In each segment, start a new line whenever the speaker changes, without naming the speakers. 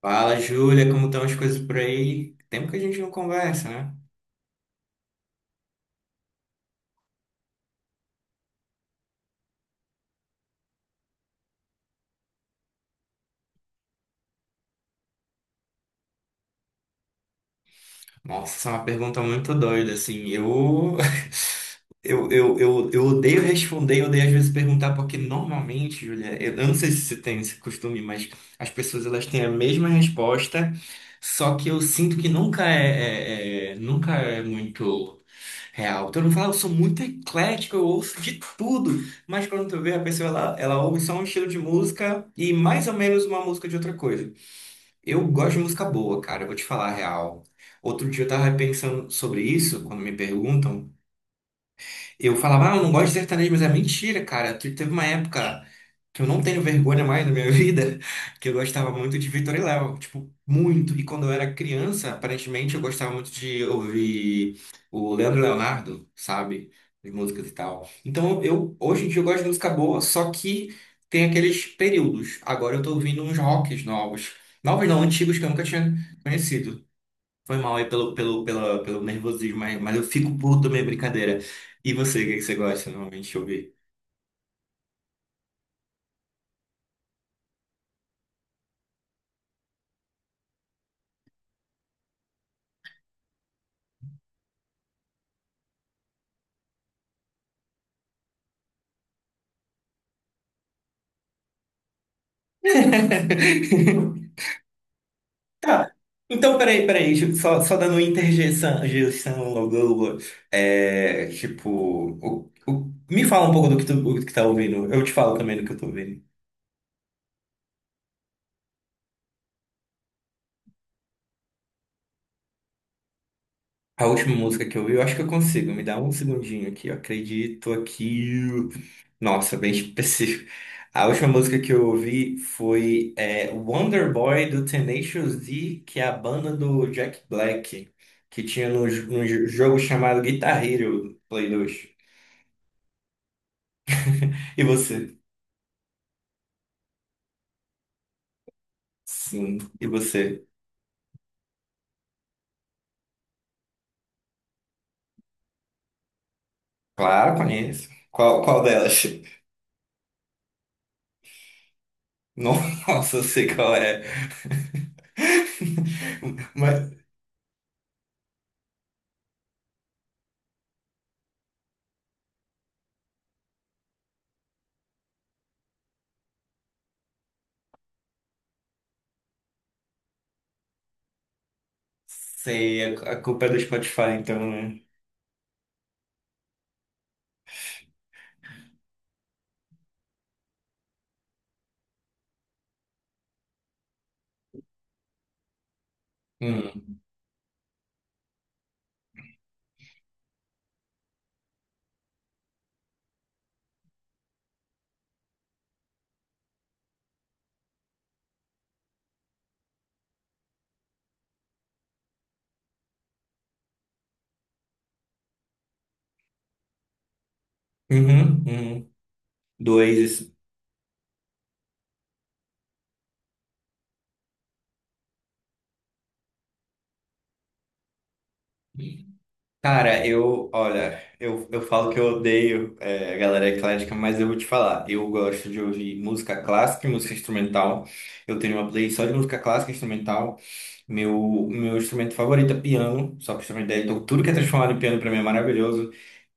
Fala, Júlia, como estão as coisas por aí? Tempo que a gente não conversa, né? Nossa, essa é uma pergunta muito doida, assim. Eu odeio responder, eu odeio às vezes perguntar, porque normalmente, Júlia, eu não sei se você tem esse costume, mas as pessoas elas têm a mesma resposta, só que eu sinto que nunca nunca é muito. Real. Todo mundo fala, eu sou muito eclético, eu ouço de tudo. Mas quando tu vê a pessoa, ela ouve só um estilo de música e mais ou menos uma música de outra coisa. Eu gosto de música boa, cara, eu vou te falar a real. Outro dia eu tava pensando sobre isso, quando me perguntam. Eu falava, ah, eu não gosto de sertanejo, mas é mentira, cara. Teve uma época que eu não tenho vergonha mais na minha vida, que eu gostava muito de Vitor e Léo, tipo, muito. E quando eu era criança, aparentemente eu gostava muito de ouvir o Leandro Leonardo, sabe? As músicas e tal. Então eu, hoje em dia, eu gosto de música boa, só que tem aqueles períodos. Agora eu tô ouvindo uns rocks novos. Novos não, antigos que eu nunca tinha conhecido. Foi mal aí pelo nervosismo, mas eu fico puto também, é brincadeira. E você, o que é que você gosta normalmente de ouvir? Tá. Então, peraí, tipo, só dando interjeição, blá, blá, blá. Tipo, me fala um pouco do que tu, do que tá ouvindo, eu te falo também do que eu tô ouvindo. A última música que eu vi, eu acho que eu consigo. Me dá um segundinho aqui. Eu acredito aqui. Nossa, bem específico. A última música que eu ouvi foi Wonder Boy do Tenacious D, que é a banda do Jack Black, que tinha no jogo chamado Guitar Hero Play 2. E você? Sim. E você? Claro, conheço. Qual, qual delas? Nossa, eu sei qual é. Mas sei, a culpa é do Spotify, então, né? Hum. Uhum, uhum. Dois. Cara, olha, eu falo que eu odeio a galera eclética, mas eu vou te falar. Eu gosto de ouvir música clássica e música instrumental. Eu tenho uma playlist só de música clássica e instrumental. Meu instrumento favorito é piano, só pra você ter uma ideia. Então, tudo que é transformado em piano pra mim é maravilhoso.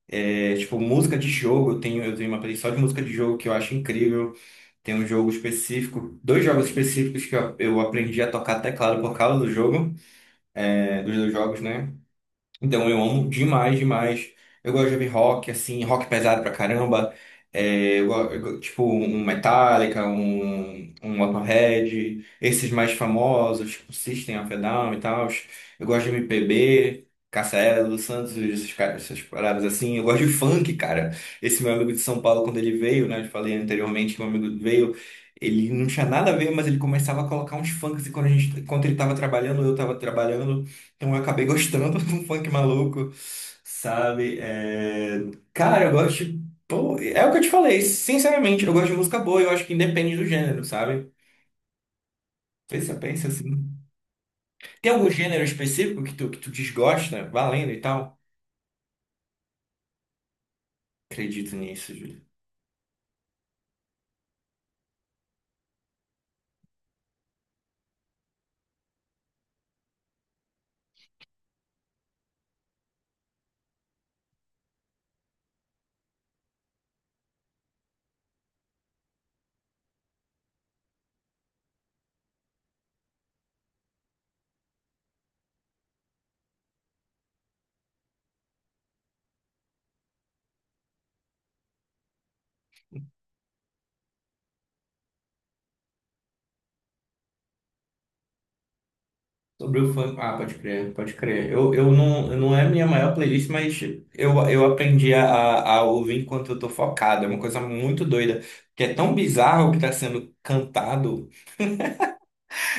É, tipo, música de jogo, eu tenho uma playlist só de música de jogo que eu acho incrível. Tem um jogo específico, dois jogos específicos que eu aprendi a tocar teclado por causa do jogo. Dos dois jogos, né? Então eu amo demais, demais. Eu gosto de ouvir rock, assim, rock pesado pra caramba. É, tipo, um Metallica, um Motorhead, esses mais famosos, tipo System of a Down e tal. Eu gosto de MPB, Cassiano, Lu Santos, esses caras, essas paradas assim. Eu gosto de funk, cara. Esse meu amigo de São Paulo, quando ele veio, né? Eu falei anteriormente que meu amigo veio. Ele não tinha nada a ver, mas ele começava a colocar uns funks e quando a gente, quando ele estava trabalhando. Eu acabei gostando do funk maluco, sabe? Cara, eu gosto. Pô, é o que eu te falei, sinceramente, eu gosto de música boa, eu acho que independe do gênero, sabe? Pensa assim. Tem algum gênero específico que tu desgosta, valendo e tal? Acredito nisso, Júlio. Sobre o funk. Ah, pode crer, pode crer. Eu não, não é a minha maior playlist, mas eu aprendi a ouvir enquanto eu tô focado. É uma coisa muito doida, que é tão bizarro o que tá sendo cantado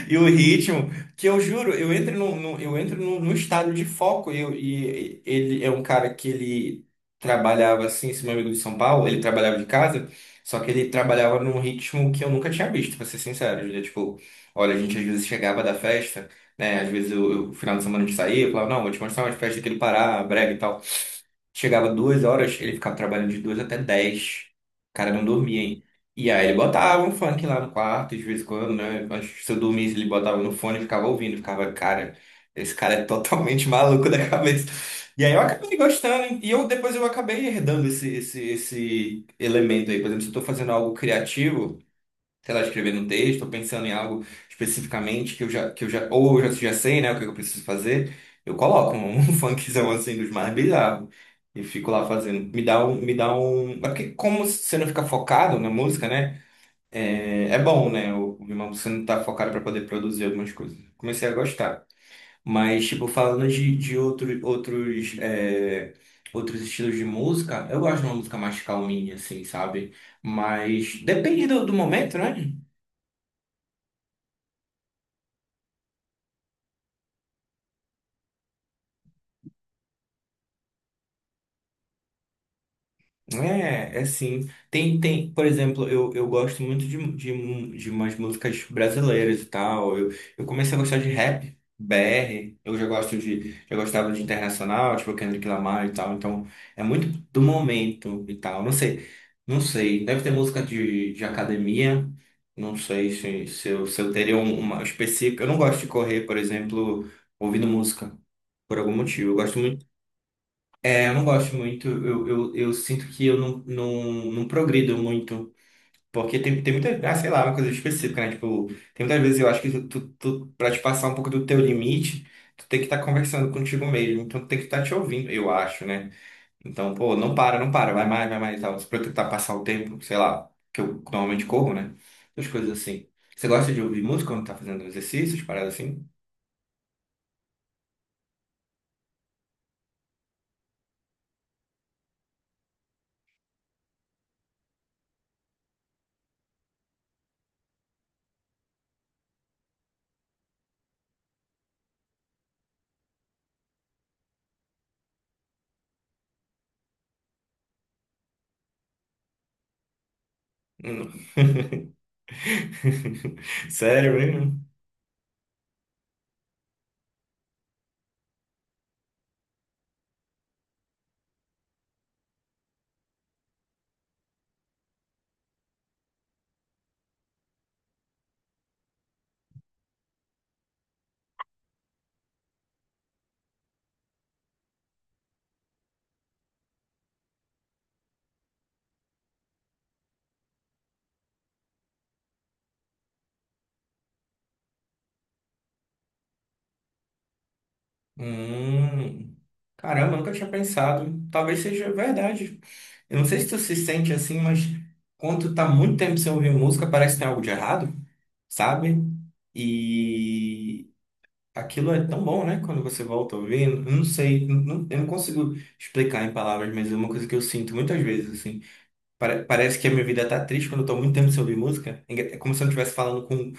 e o ritmo, que eu juro, eu entro eu entro no estado de foco. E, e ele é um cara que esse meu amigo de São Paulo, ele trabalhava de casa, só que ele trabalhava num ritmo que eu nunca tinha visto, pra ser sincero. Julia. Tipo, olha, a gente às vezes chegava da festa, né? Às vezes final de semana a gente saía, eu falava, não, vou te mostrar umas festas aqui do Pará, brega e tal. Chegava duas horas, ele ficava trabalhando de duas até dez. O cara não dormia e aí ele botava um funk lá no quarto, de vez em quando, né? Mas se eu dormisse, ele botava no fone e ficava ouvindo, ficava, cara, esse cara é totalmente maluco da cabeça. E aí eu acabei gostando, hein? E eu depois eu acabei herdando esse elemento aí. Por exemplo, se eu tô fazendo algo criativo, sei lá, escrevendo um texto, tô pensando em algo especificamente que eu já, ou eu já, já sei, né, o que eu preciso fazer, eu coloco um, um funkzão assim dos mais bizarros. E fico lá fazendo. Me dá um. Porque como você não fica focado na música, né? É, é bom, né? O Rimão você não tá focado para poder produzir algumas coisas. Comecei a gostar. Mas, tipo, falando de outros, outros estilos de música, eu gosto de uma música mais calminha, assim, sabe? Mas depende do momento, né? É, é sim. Tem, tem, por exemplo, eu gosto muito de umas músicas brasileiras e tal. Eu comecei a gostar de rap, BR. Eu já gosto de, já gostava de internacional, tipo Kendrick Lamar e tal. Então, é muito do momento e tal. Não sei, não sei. Deve ter música de academia. Não sei se eu teria uma específica. Eu não gosto de correr, por exemplo, ouvindo música, por algum motivo. Eu gosto eu não gosto muito, eu sinto que eu não progrido muito, porque tem, tem muita, ah, sei lá, uma coisa específica, né? Tipo, tem muitas vezes eu acho que pra te passar um pouco do teu limite, tu tem que estar conversando contigo mesmo, então tu tem que estar te ouvindo, eu acho, né? Então, pô, não para, não para, vai mais e tal, pra eu tentar passar o tempo, sei lá, que eu normalmente corro, né? Essas coisas assim. Você gosta de ouvir música quando tá fazendo exercícios, paradas assim? Hum. Sério mesmo? Hum, Caramba, eu nunca tinha pensado. Talvez seja verdade. Eu não sei se tu se sente assim, mas quando tu tá muito tempo sem ouvir música, parece que tem algo de errado, sabe? E aquilo é tão bom, né? Quando você volta a ouvir, eu não sei, eu não consigo explicar em palavras, mas é uma coisa que eu sinto muitas vezes, assim. Parece que a minha vida tá triste quando eu tô muito tempo sem ouvir música. É como se eu não estivesse falando com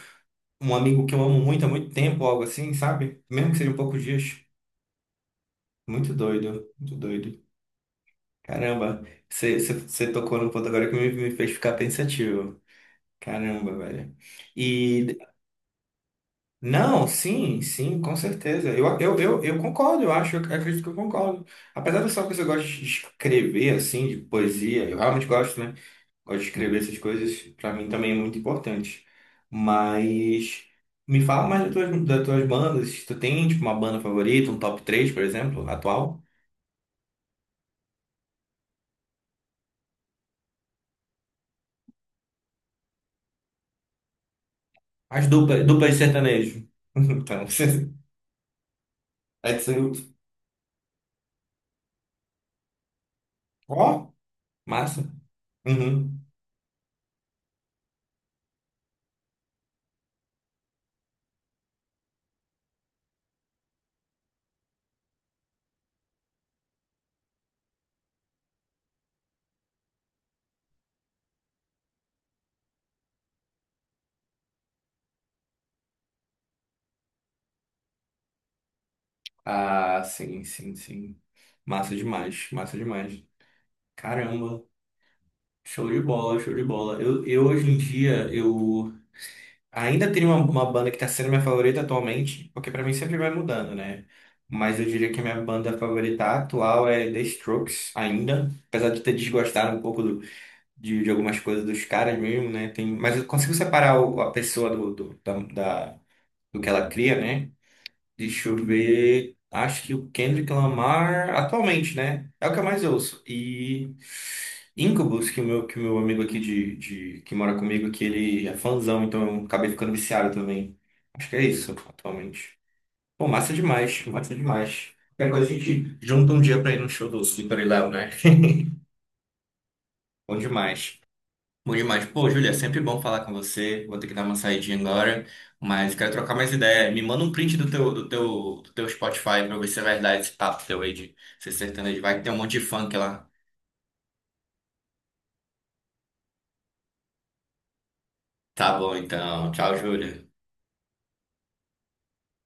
um amigo que eu amo muito há muito tempo, algo assim, sabe? Mesmo que seja poucos dias. Muito doido, muito doido. Caramba, você tocou num ponto agora que me fez ficar pensativo. Caramba, velho. E não, sim, sim, com certeza. Eu concordo, eu acho, eu acredito que eu concordo. Apesar de só que eu gosto de escrever, assim, de poesia, eu realmente gosto, né? Gosto de escrever essas coisas, pra mim também é muito importante. Mas me fala mais das tuas bandas. Tu tem, tipo, uma banda favorita, um top 3, por exemplo, atual? As dupla de sertanejo. Então, é isso aí. Ó, massa. Uhum. Ah, sim, sim, sim. Massa demais, massa demais. Caramba, show de bola, show de bola. Eu hoje em dia, eu ainda tenho uma banda que tá sendo minha favorita atualmente, porque pra mim sempre vai mudando, né? Mas eu diria que a minha banda favorita atual é The Strokes, ainda. Apesar de ter desgostado um pouco de algumas coisas dos caras mesmo, né? Tem, mas eu consigo separar a pessoa da- do que ela cria, né? Deixa eu ver. Acho que o Kendrick Lamar, atualmente, né? É o que eu mais ouço. E Incubus, que que o meu amigo aqui que mora comigo, que ele é fãzão, então eu acabei ficando viciado também. Acho que é isso, atualmente. Pô, massa demais, massa demais. Qualquer coisa a gente junta um dia pra ir no show do Slippery Léo, né? Bom demais. Bom demais. Pô, Júlia, é sempre bom falar com você. Vou ter que dar uma saidinha agora, mas quero trocar mais ideia. Me manda um print do teu, do teu Spotify pra eu ver se é verdade esse papo teu aí de ser sertanejo. Vai que tem um monte de funk lá. Tá bom, então. Tchau, Júlia.